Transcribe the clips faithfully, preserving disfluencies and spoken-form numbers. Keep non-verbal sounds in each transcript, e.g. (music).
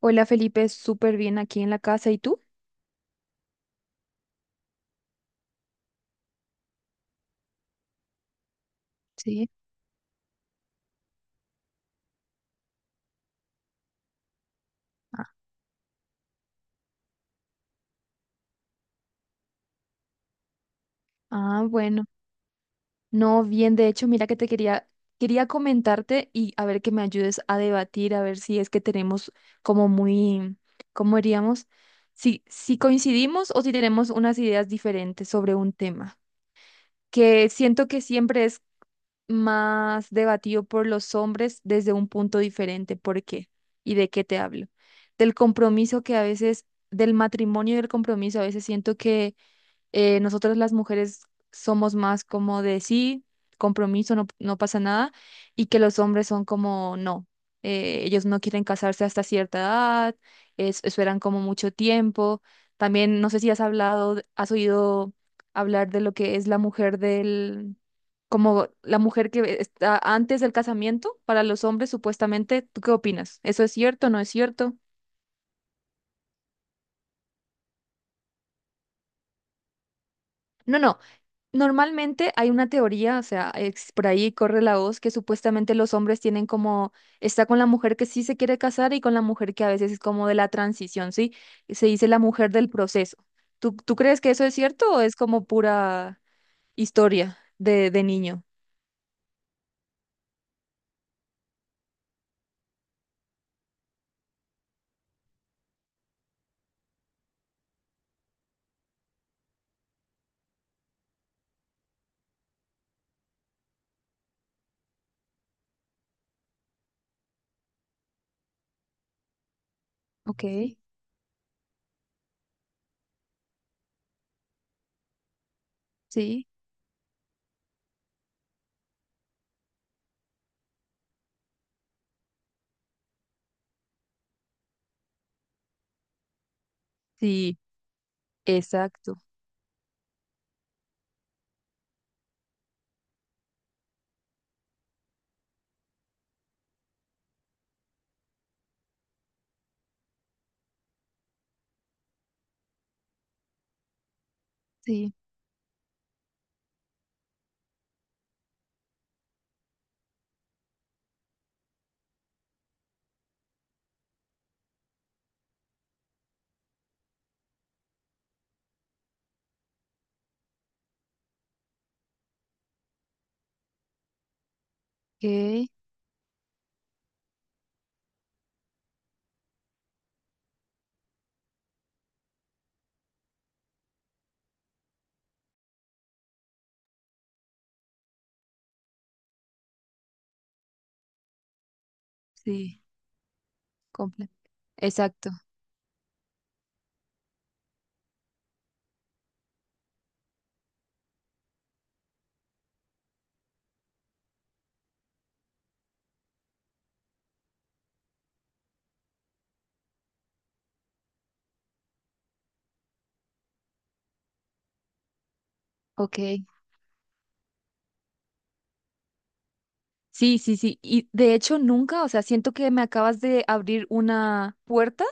Hola Felipe, súper bien aquí en la casa. ¿Y tú? Sí. Ah, Ah, bueno. No, bien, de hecho, mira que te quería, quería comentarte y a ver que me ayudes a debatir, a ver si es que tenemos como muy, ¿cómo diríamos? Si, si coincidimos o si tenemos unas ideas diferentes sobre un tema, que siento que siempre es más debatido por los hombres desde un punto diferente. ¿Por qué? ¿Y de qué te hablo? Del compromiso que a veces, del matrimonio y del compromiso, a veces siento que Eh, nosotras las mujeres somos más como de sí, compromiso, no, no pasa nada, y que los hombres son como no, eh, ellos no quieren casarse hasta cierta edad, es- esperan como mucho tiempo. También no sé si has hablado, has oído hablar de lo que es la mujer del, como la mujer que está antes del casamiento para los hombres supuestamente. ¿Tú qué opinas? ¿Eso es cierto no es cierto? No, no. Normalmente hay una teoría, o sea, ex- por ahí corre la voz que supuestamente los hombres tienen como, está con la mujer que sí se quiere casar y con la mujer que a veces es como de la transición, ¿sí? Y se dice la mujer del proceso. ¿Tú, tú crees que eso es cierto o es como pura historia de, de niño? Ok, sí. Sí, exacto. Sí, ok. Sí, completo. Exacto. Ok. Sí, sí, sí. Y de hecho nunca, o sea, siento que me acabas de abrir una puerta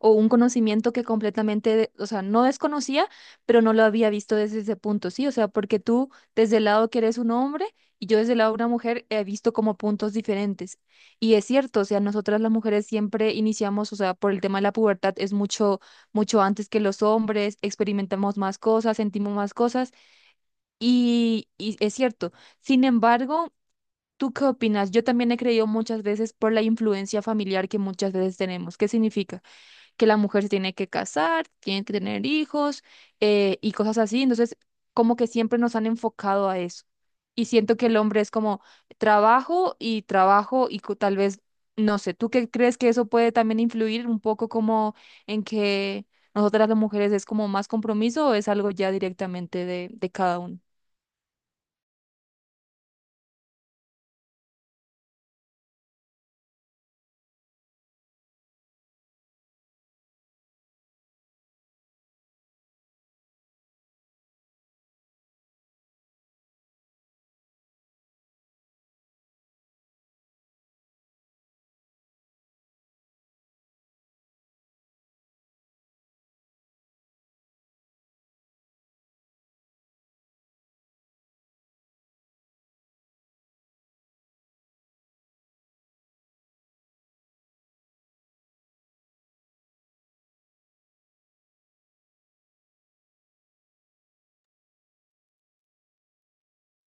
o un conocimiento que completamente, o sea, no desconocía, pero no lo había visto desde ese punto, sí, o sea, porque tú desde el lado que eres un hombre y yo desde el lado de una mujer he visto como puntos diferentes. Y es cierto, o sea, nosotras las mujeres siempre iniciamos, o sea, por el tema de la pubertad es mucho, mucho antes que los hombres, experimentamos más cosas, sentimos más cosas y, y es cierto. Sin embargo, ¿tú qué opinas? Yo también he creído muchas veces por la influencia familiar que muchas veces tenemos. ¿Qué significa? Que la mujer se tiene que casar, tiene que tener hijos, eh, y cosas así. Entonces, como que siempre nos han enfocado a eso. Y siento que el hombre es como trabajo y trabajo y co- tal vez, no sé, ¿tú qué crees que eso puede también influir un poco como en que nosotras las mujeres es como más compromiso o es algo ya directamente de, de cada uno?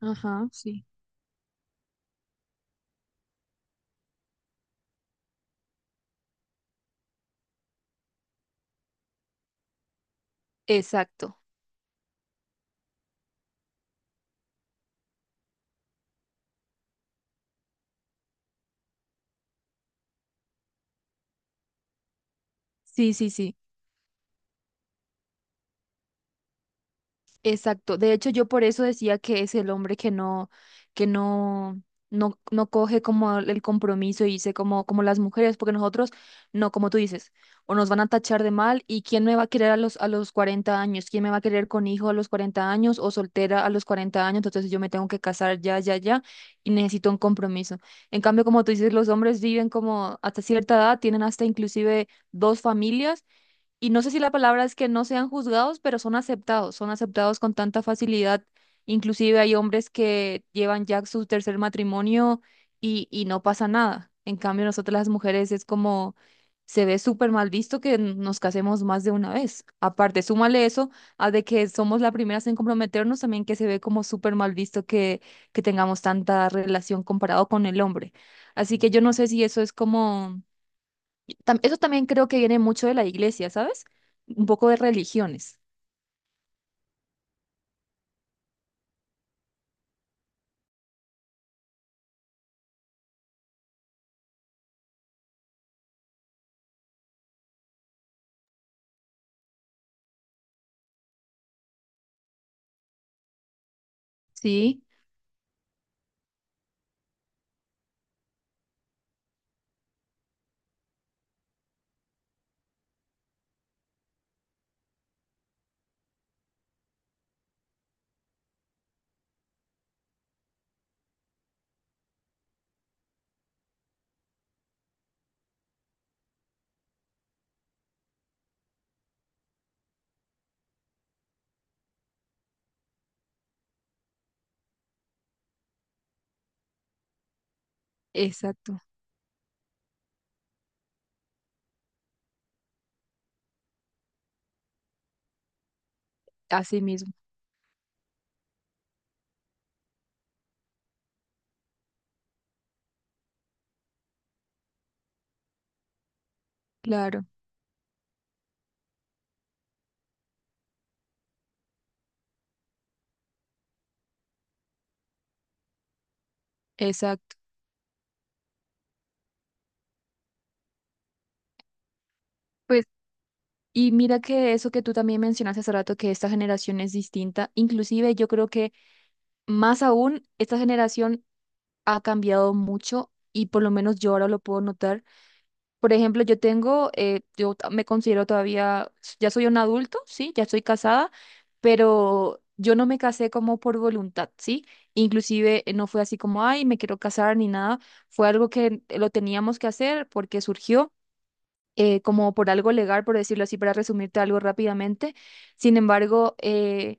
Ajá, sí. Exacto. Sí, sí, sí. Exacto. De hecho, yo por eso decía que es el hombre que no, que no, no, no coge como el el compromiso y dice como, como las mujeres, porque nosotros, no, como tú dices, o nos van a tachar de mal, y quién me va a querer a los, a los, cuarenta años, quién me va a querer con hijo a los cuarenta años o soltera a los cuarenta años, entonces yo me tengo que casar ya, ya, ya, y necesito un compromiso. En cambio, como tú dices, los hombres viven como hasta cierta edad, tienen hasta inclusive dos familias y no sé si la palabra es que no sean juzgados, pero son aceptados, son aceptados con tanta facilidad. Inclusive hay hombres que llevan ya su tercer matrimonio y, y no pasa nada. En cambio, nosotras las mujeres es como se ve súper mal visto que nos casemos más de una vez. Aparte, súmale eso a de que somos las primeras en comprometernos, también que se ve como súper mal visto que, que tengamos tanta relación comparado con el hombre. Así que yo no sé si eso es como tam- eso también creo que viene mucho de la iglesia, ¿sabes? Un poco de religiones. Sí, exacto. Así mismo, claro, exacto. Pues, y mira que eso que tú también mencionaste hace rato, que esta generación es distinta, inclusive yo creo que más aún, esta generación ha cambiado mucho y por lo menos yo ahora lo puedo notar. Por ejemplo, yo tengo, eh, yo ta- me considero todavía, ya soy un adulto, ¿sí? Ya estoy casada, pero yo no me casé como por voluntad, ¿sí? Inclusive eh, no fue así como, ay, me quiero casar ni nada, fue algo que eh, lo teníamos que hacer porque surgió. Eh, como por algo legal, por decirlo así, para resumirte algo rápidamente. Sin embargo, eh,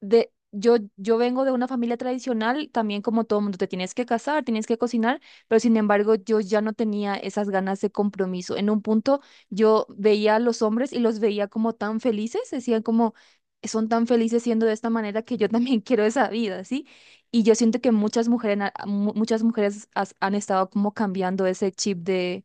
de, yo, yo vengo de una familia tradicional, también como todo mundo, te tienes que casar, tienes que cocinar, pero sin embargo yo ya no tenía esas ganas de compromiso. En un punto yo veía a los hombres y los veía como tan felices, decían como, son tan felices siendo de esta manera que yo también (laughs) quiero esa vida, ¿sí? Y yo siento que muchas mujeres, na- mu- muchas mujeres has- han estado como cambiando ese chip de...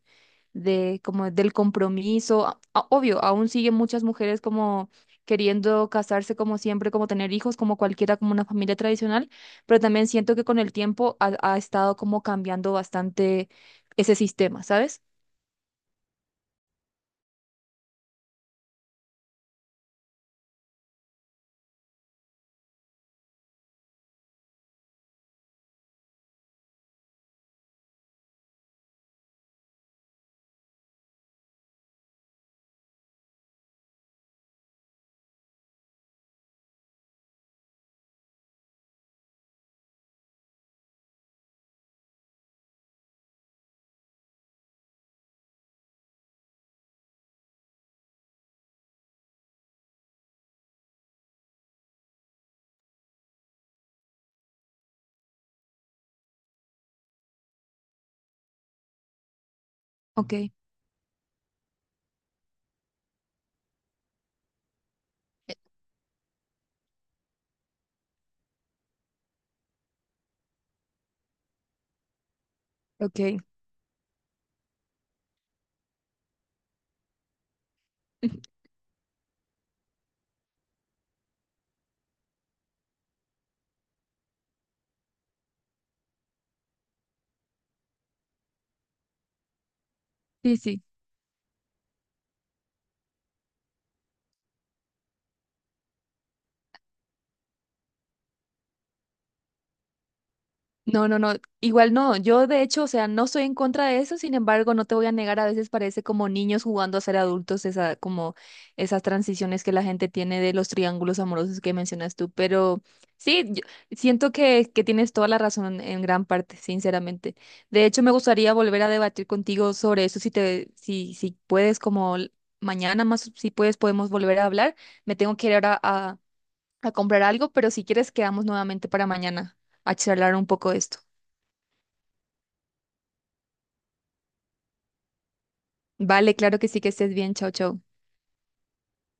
de como del compromiso. A- a- obvio, aún siguen muchas mujeres como queriendo casarse como siempre, como tener hijos, como cualquiera, como una familia tradicional, pero también siento que con el tiempo ha, ha estado como cambiando bastante ese sistema, ¿sabes? Ok, ok. (laughs) Sí, sí. No, no, no, igual no. Yo de hecho, o sea, no estoy en contra de eso, sin embargo, no te voy a negar, a veces parece como niños jugando a ser adultos, esa, como esas transiciones que la gente tiene de los triángulos amorosos que mencionas tú, pero sí, yo siento que, que, tienes toda la razón en gran parte, sinceramente. De hecho, me gustaría volver a debatir contigo sobre eso, si te, si, si puedes, como l- mañana más, si puedes, podemos volver a hablar. Me tengo que ir ahora a, a comprar algo, pero si quieres, quedamos nuevamente para mañana a charlar un poco de esto. Vale, claro que sí, que estés bien. Chao, chao.